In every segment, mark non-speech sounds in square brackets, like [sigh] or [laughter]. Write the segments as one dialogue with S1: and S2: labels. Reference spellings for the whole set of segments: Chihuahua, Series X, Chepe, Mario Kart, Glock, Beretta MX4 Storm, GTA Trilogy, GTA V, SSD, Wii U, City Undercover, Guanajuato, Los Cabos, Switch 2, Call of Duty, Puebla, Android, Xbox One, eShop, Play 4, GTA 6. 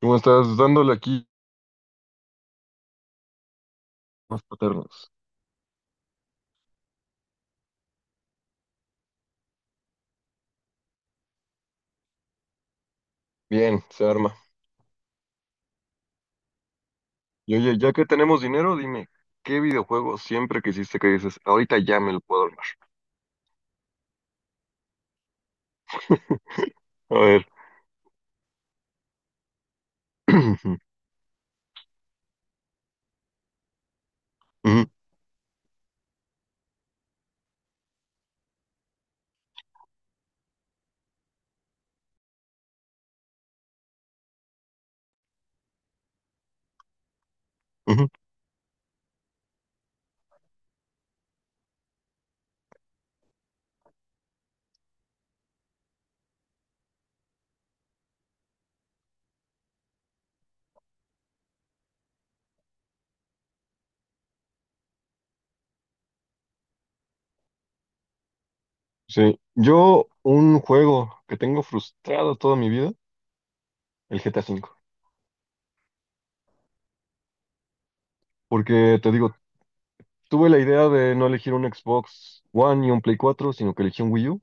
S1: ¿Cómo estás? Dándole aquí más paternos. Bien, se arma. Y oye, ya que tenemos dinero, dime, ¿qué videojuego siempre que hiciste que dices, ahorita ya me lo puedo armar? [laughs] A ver. [clears throat] Ujú, ujú. Sí, yo un juego que tengo frustrado toda mi vida, el GTA V. Porque te digo, tuve la idea de no elegir un Xbox One y un Play 4, sino que elegí un Wii U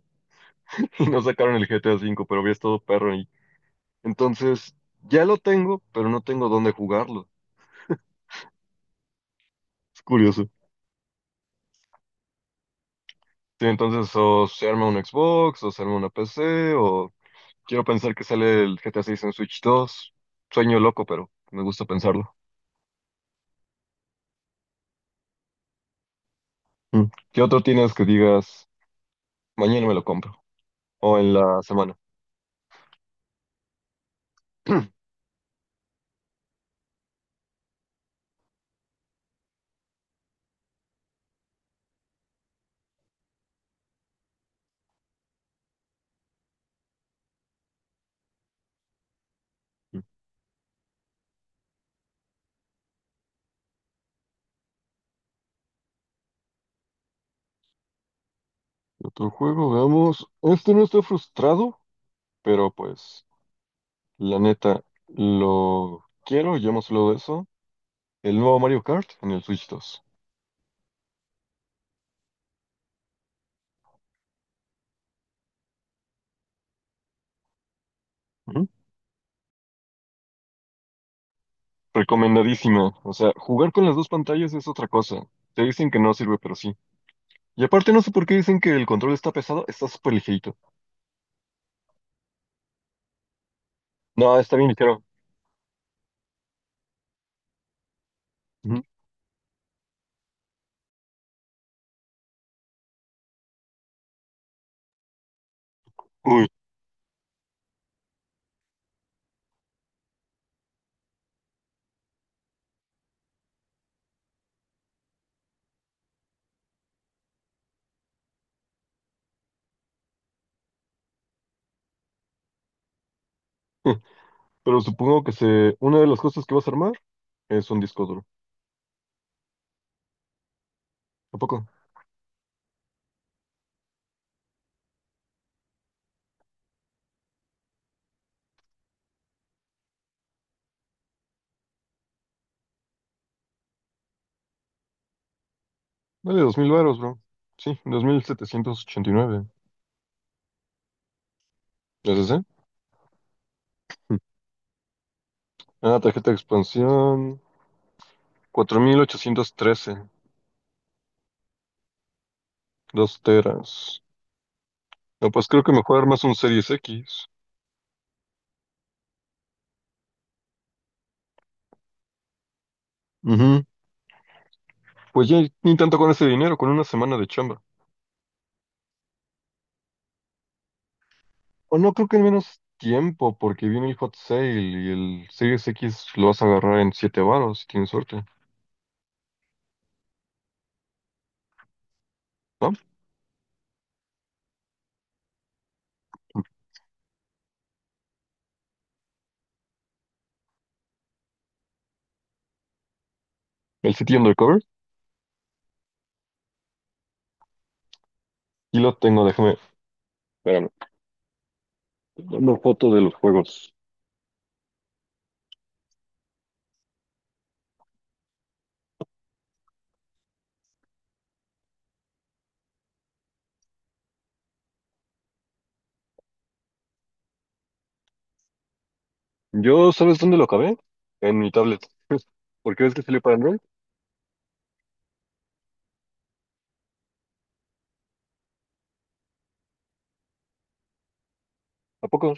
S1: [laughs] y no sacaron el GTA V, pero había estado perro ahí. Entonces, ya lo tengo, pero no tengo dónde jugarlo. Es curioso. Sí, entonces o se arma un Xbox, o se arma una PC, o quiero pensar que sale el GTA 6 en Switch 2. Sueño loco, pero me gusta pensarlo. Mm. ¿Qué otro tienes que digas, mañana me lo compro? O en la semana. [clears throat] Mm. Otro juego, veamos. Este no estoy frustrado, pero pues, la neta, lo quiero, ya hemos hablado de eso. El nuevo Mario Kart en el Switch 2. Ujú. Recomendadísimo. O sea, jugar con las dos pantallas es otra cosa. Te dicen que no sirve, pero sí. Y aparte, no sé por qué dicen que el control está pesado, está súper ligerito. No, está bien ligero. Ujú. Uy. [laughs] Pero supongo que una de las cosas que vas a armar es un disco duro. ¿A poco? Vale, 2,000 varos, bro. Sí, 2,789. ¿SSD? Ujú. Ah, tarjeta de expansión. Cuatro mil ochocientos trece 2 teras. No, pues creo que mejor armas un Series X. Ujú. Pues ya ni tanto con ese dinero, con una semana de chamba. O no creo que en menos tiempo, porque viene el hot sale y el Series X lo vas a agarrar en 7 varos, si tienes suerte, ¿no? El City Undercover, y lo tengo, déjame, espérame, una foto de los juegos. Yo, ¿sabes dónde lo acabé? En mi tablet. [laughs] ¿Porque ves que salió para Android? ¿A poco?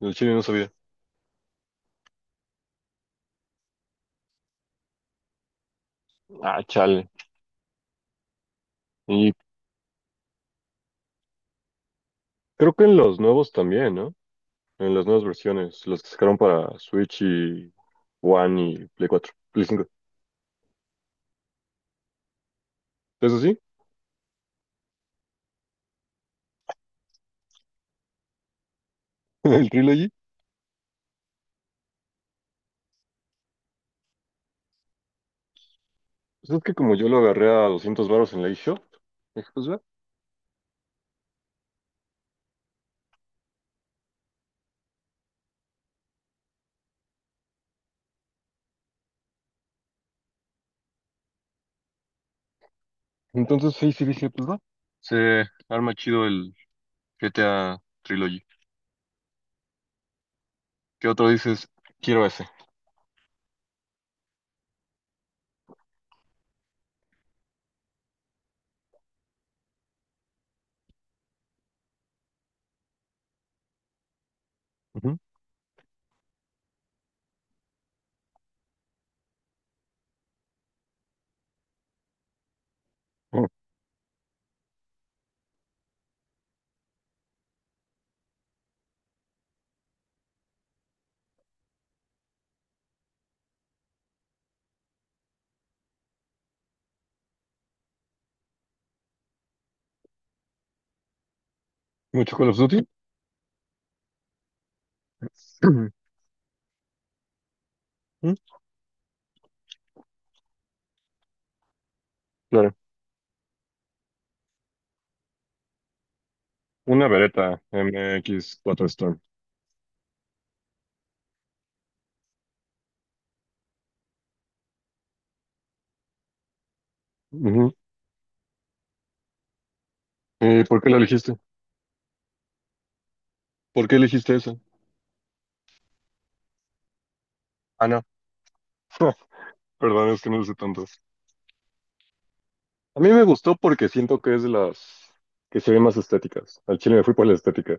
S1: El chile no sabía. Ah, chale. Y creo que en los nuevos también, ¿no? En las nuevas versiones, los que sacaron para Switch y One y Play 4 Play 5. ¿Eso sí? [laughs] ¿El Trilogy? Pues es que como yo lo agarré a 200 varos en la eShop, dije, pues va. Entonces sí, sí dije, pues va. Se arma chido el GTA Trilogy. ¿Qué otro dices? Quiero ese. Ujú. Oh, ¿mucho Call of Duty? [clears throat] Ujú. Claro. Una Beretta MX4 Storm. Ujú. ¿Y por qué la elegiste? ¿Por qué elegiste esa? Ah, no. [laughs] Perdón, es que no lo sé tanto. A mí me gustó porque siento que es de las que se ven más estéticas. Al chile me fui por la estética.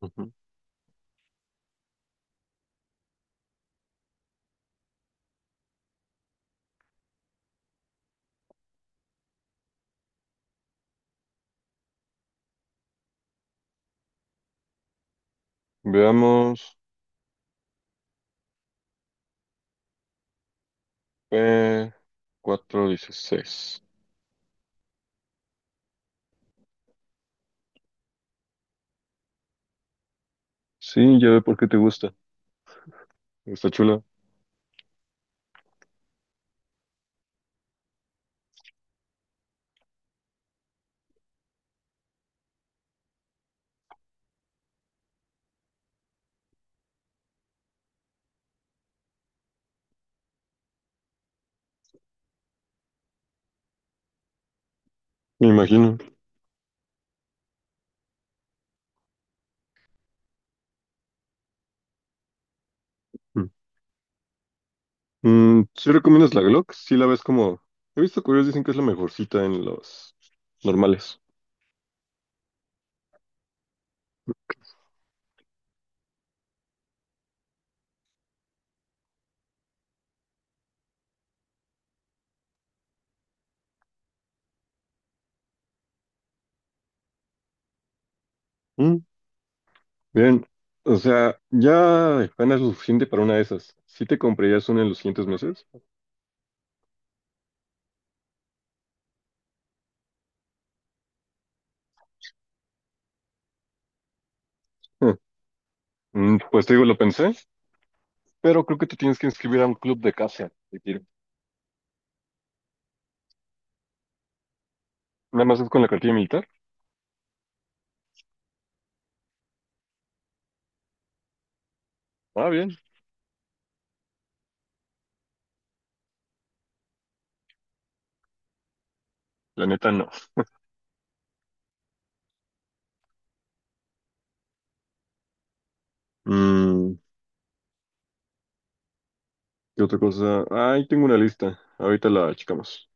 S1: Ujú. Veamos. Eh, cuatro dieciséis. Sí, ya ve por qué te gusta. Está chula, me imagino. Mm. ¿Sí recomiendas la Glock? Sí la ves como. He visto que ellos dicen que es la mejorcita en los normales. Mm, bien. O sea, ya ganas lo suficiente para una de esas. ¿Sí te comprarías una en los siguientes meses? [laughs] Eh, pues te digo, lo pensé. Pero creo que te tienes que inscribir a un club de caza de tiro. Nada más es con la cartilla militar. Ah, bien. La neta no. Mm, ¿Qué otra cosa? Ahí tengo una lista. Ahorita la checamos.